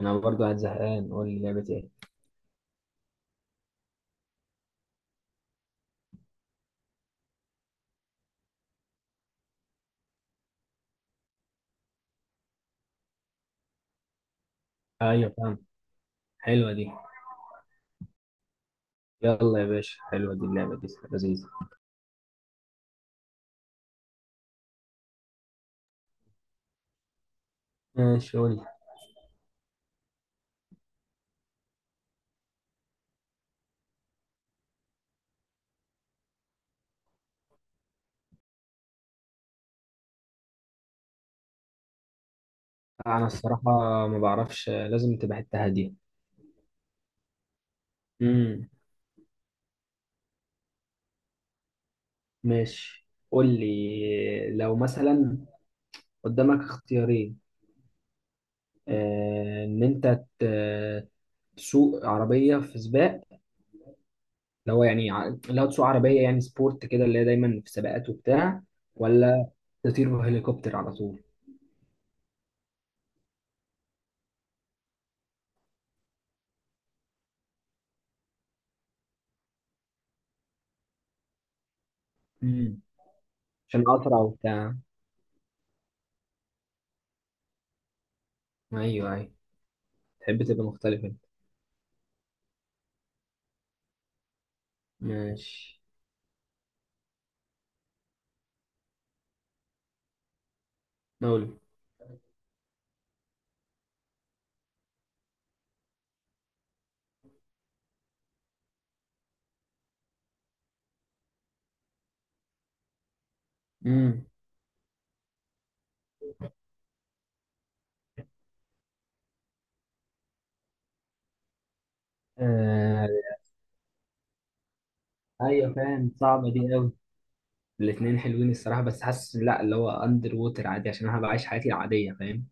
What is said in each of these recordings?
انا برضو قاعد زهقان، قول لي لعبة ايه. ايوه فاهم، حلوة دي. يلا يا باشا، حلوة دي اللعبة دي لذيذة. ماشي قول لي. انا الصراحة ما بعرفش، لازم تبقى حتة هادية. امم ماشي قول لي، لو مثلا قدامك اختيارين، ان انت ت- تسوق عربية في سباق، اللي هو يعني اللي هو تسوق عربية يعني سبورت كده اللي هي دايما في سباقات وبتاع، ولا تطير بهليكوبتر على طول. امم عشان اسرع وبتاع. ايوه ايوه، تحب تبقى مختلف انت. ماشي. مولد. امم آه ايوه فاهم، صعبه دي قوي. الاثنين حلوين الصراحه، بس حاسس لا، اللي هو اندر ووتر عادي عشان انا هبقى عايش حياتي العاديه فاهم.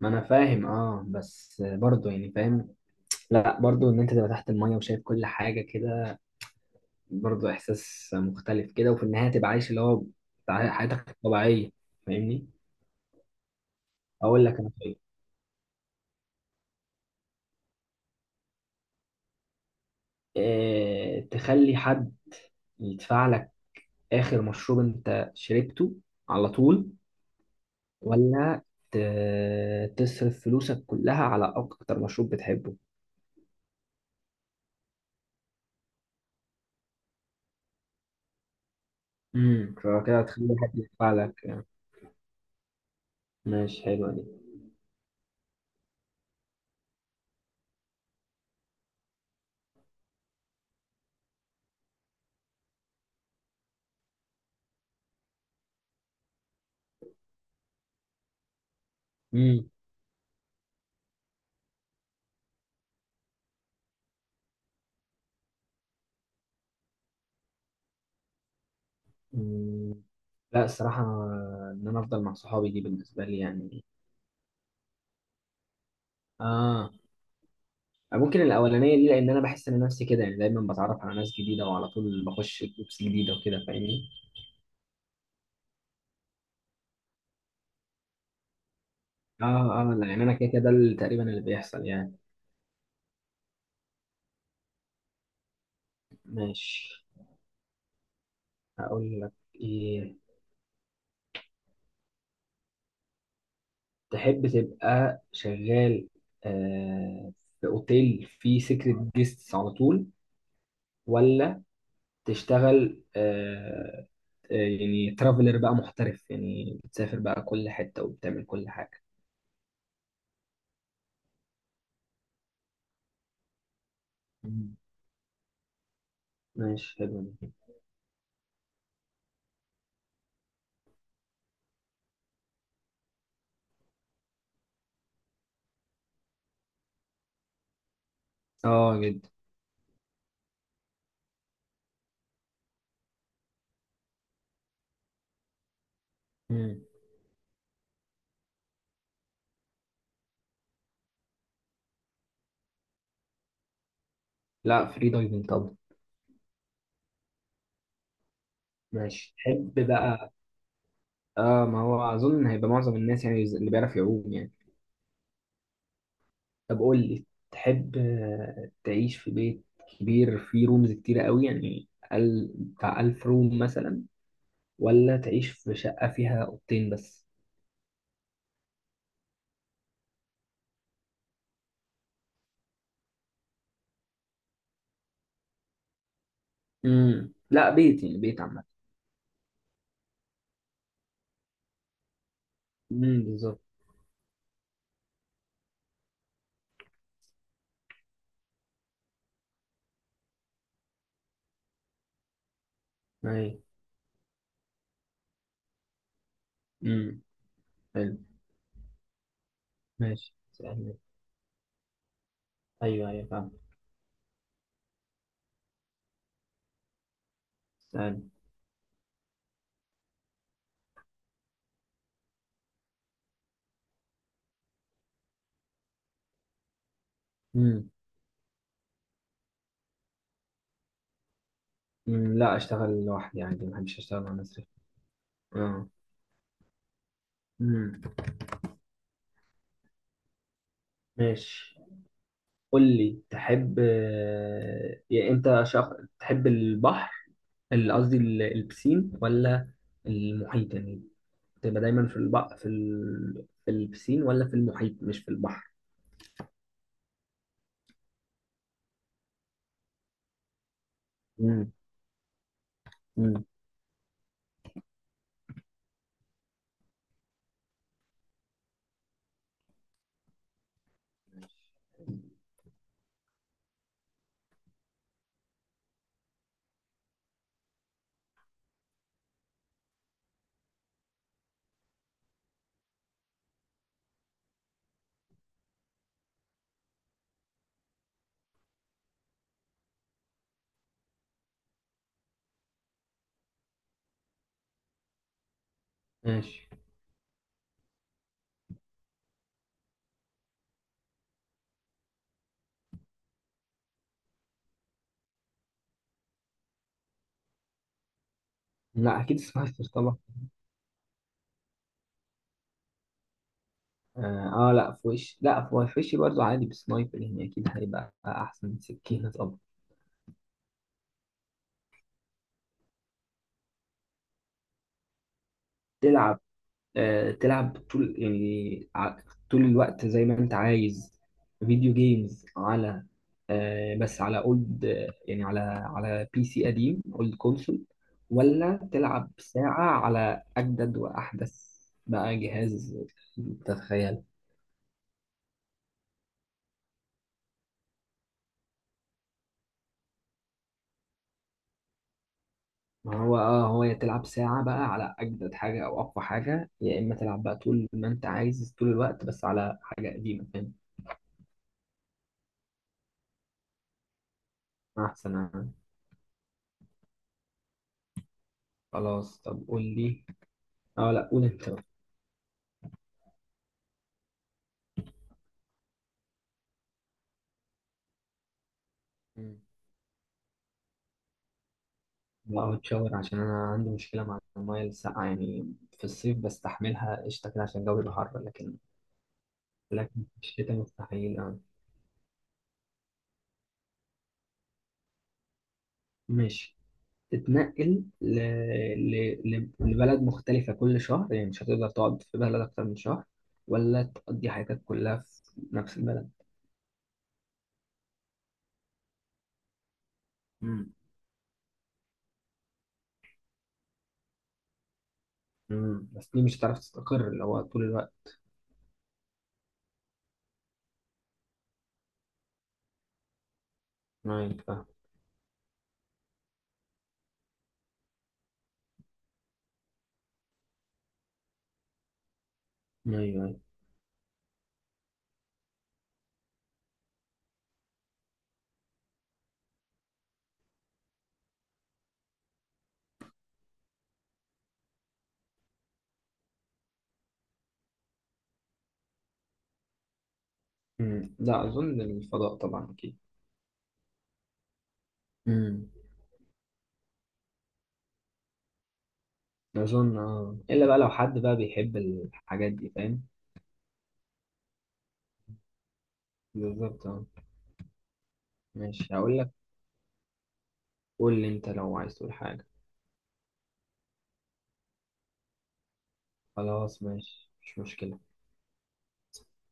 ما انا فاهم اه، بس برضه يعني فاهم، لا برضه ان انت تبقى تحت الميه وشايف كل حاجه كده، برضه احساس مختلف كده، وفي النهايه تبقى عايش اللي هو بتاع حياتك الطبيعيه فاهمني. اقول لك انا طيب، تخلي حد يدفع لك اخر مشروب انت شربته على طول، ولا تصرف فلوسك كلها على أكتر مشروب بتحبه. فكده هتخلي حد يدفع لك يعني. ماشي حلوة دي. امم مم، لا الصراحة إن أنا أفضل مع صحابي دي بالنسبة لي يعني. اه، ممكن الأولانية دي لأن أنا بحس إن نفسي كده يعني دايما بتعرف على ناس جديدة وعلى طول بخش جروبس جديدة وكده فاهمني. آه آه لا يعني أنا كده كده ده تقريبا اللي بيحصل يعني. ماشي هقول لك، إيه، تحب تبقى شغال آه، في اوتيل فيه سيكريت جيستس على طول، ولا تشتغل، يعني ترافلر بقى محترف يعني بتسافر بقى كل حتة وبتعمل كل حاجة. مم. ماشي حلو دي. اه جدا. مم. لا فري دايفنج طبعا. ماشي تحب بقى. اه ما هو اظن هيبقى معظم الناس يعني اللي بيعرف يعوم يعني. طب قول لي، تحب تعيش في بيت كبير فيه رومز كتيرة قوي يعني بتاع ألف روم مثلا، ولا تعيش في شقة فيها أوضتين بس؟ لا بيت يعني بيت عامة. بالظبط. أيوة. امم حلو. ماشي سألني. أيوه أيوه فاهم. سألني. امم أمم، لا أشتغل لوحدي عندي، ما بحبش أشتغل مع ناس غيري. اه. امم ماشي. قول لي تحب يعني أنت شخص تحب البحر، قصدي البسين ولا المحيط يعني. تبقى دايما في البحر في في البسين ولا في المحيط مش في البحر. مم. مم. ماشي. لا اكيد سنايبر طبعا. اه لا في وش، لا في وشي برضه عادي بسنايبر، يعني اكيد هيبقى احسن من سكينة طبعا. تلعب تلعب طول يعني طول الوقت زي ما انت عايز فيديو جيمز على بس على اولد يعني على على بي سي قديم اولد كونسول، ولا تلعب ساعة على اجدد واحدث بقى جهاز تتخيل. ما هو اه، هو يا تلعب ساعة بقى على اجدد حاجة او اقوى حاجة، يا اما تلعب بقى طول ما انت عايز طول الوقت بس على حاجة قديمة فاهم. احسن آه. خلاص طب قول لي. اه لا قول انت. بقى. لا متشاور عشان انا عندي مشكله مع المايه الساقعه، يعني في الصيف بستحملها قشطه كده عشان الجو يبقى حر، لكن لكن في الشتاء مستحيل اه. ماشي. تتنقل لبلد مختلفه كل شهر يعني مش هتقدر تقعد في بلد اكتر من شهر، ولا تقضي حياتك كلها في نفس البلد. امم بس دي مش هتعرف تستقر اللي هو طول الوقت. ايوه فاهم. ايوه ايوه. أمم. لا اظن الفضاء طبعا اكيد. امم اظن اه، الا بقى لو حد بقى بيحب الحاجات دي فاهم. بالظبط اه. ماشي هقول لك. قول لي انت لو عايز تقول حاجة. خلاص ماشي مش مشكلة.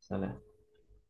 سلام.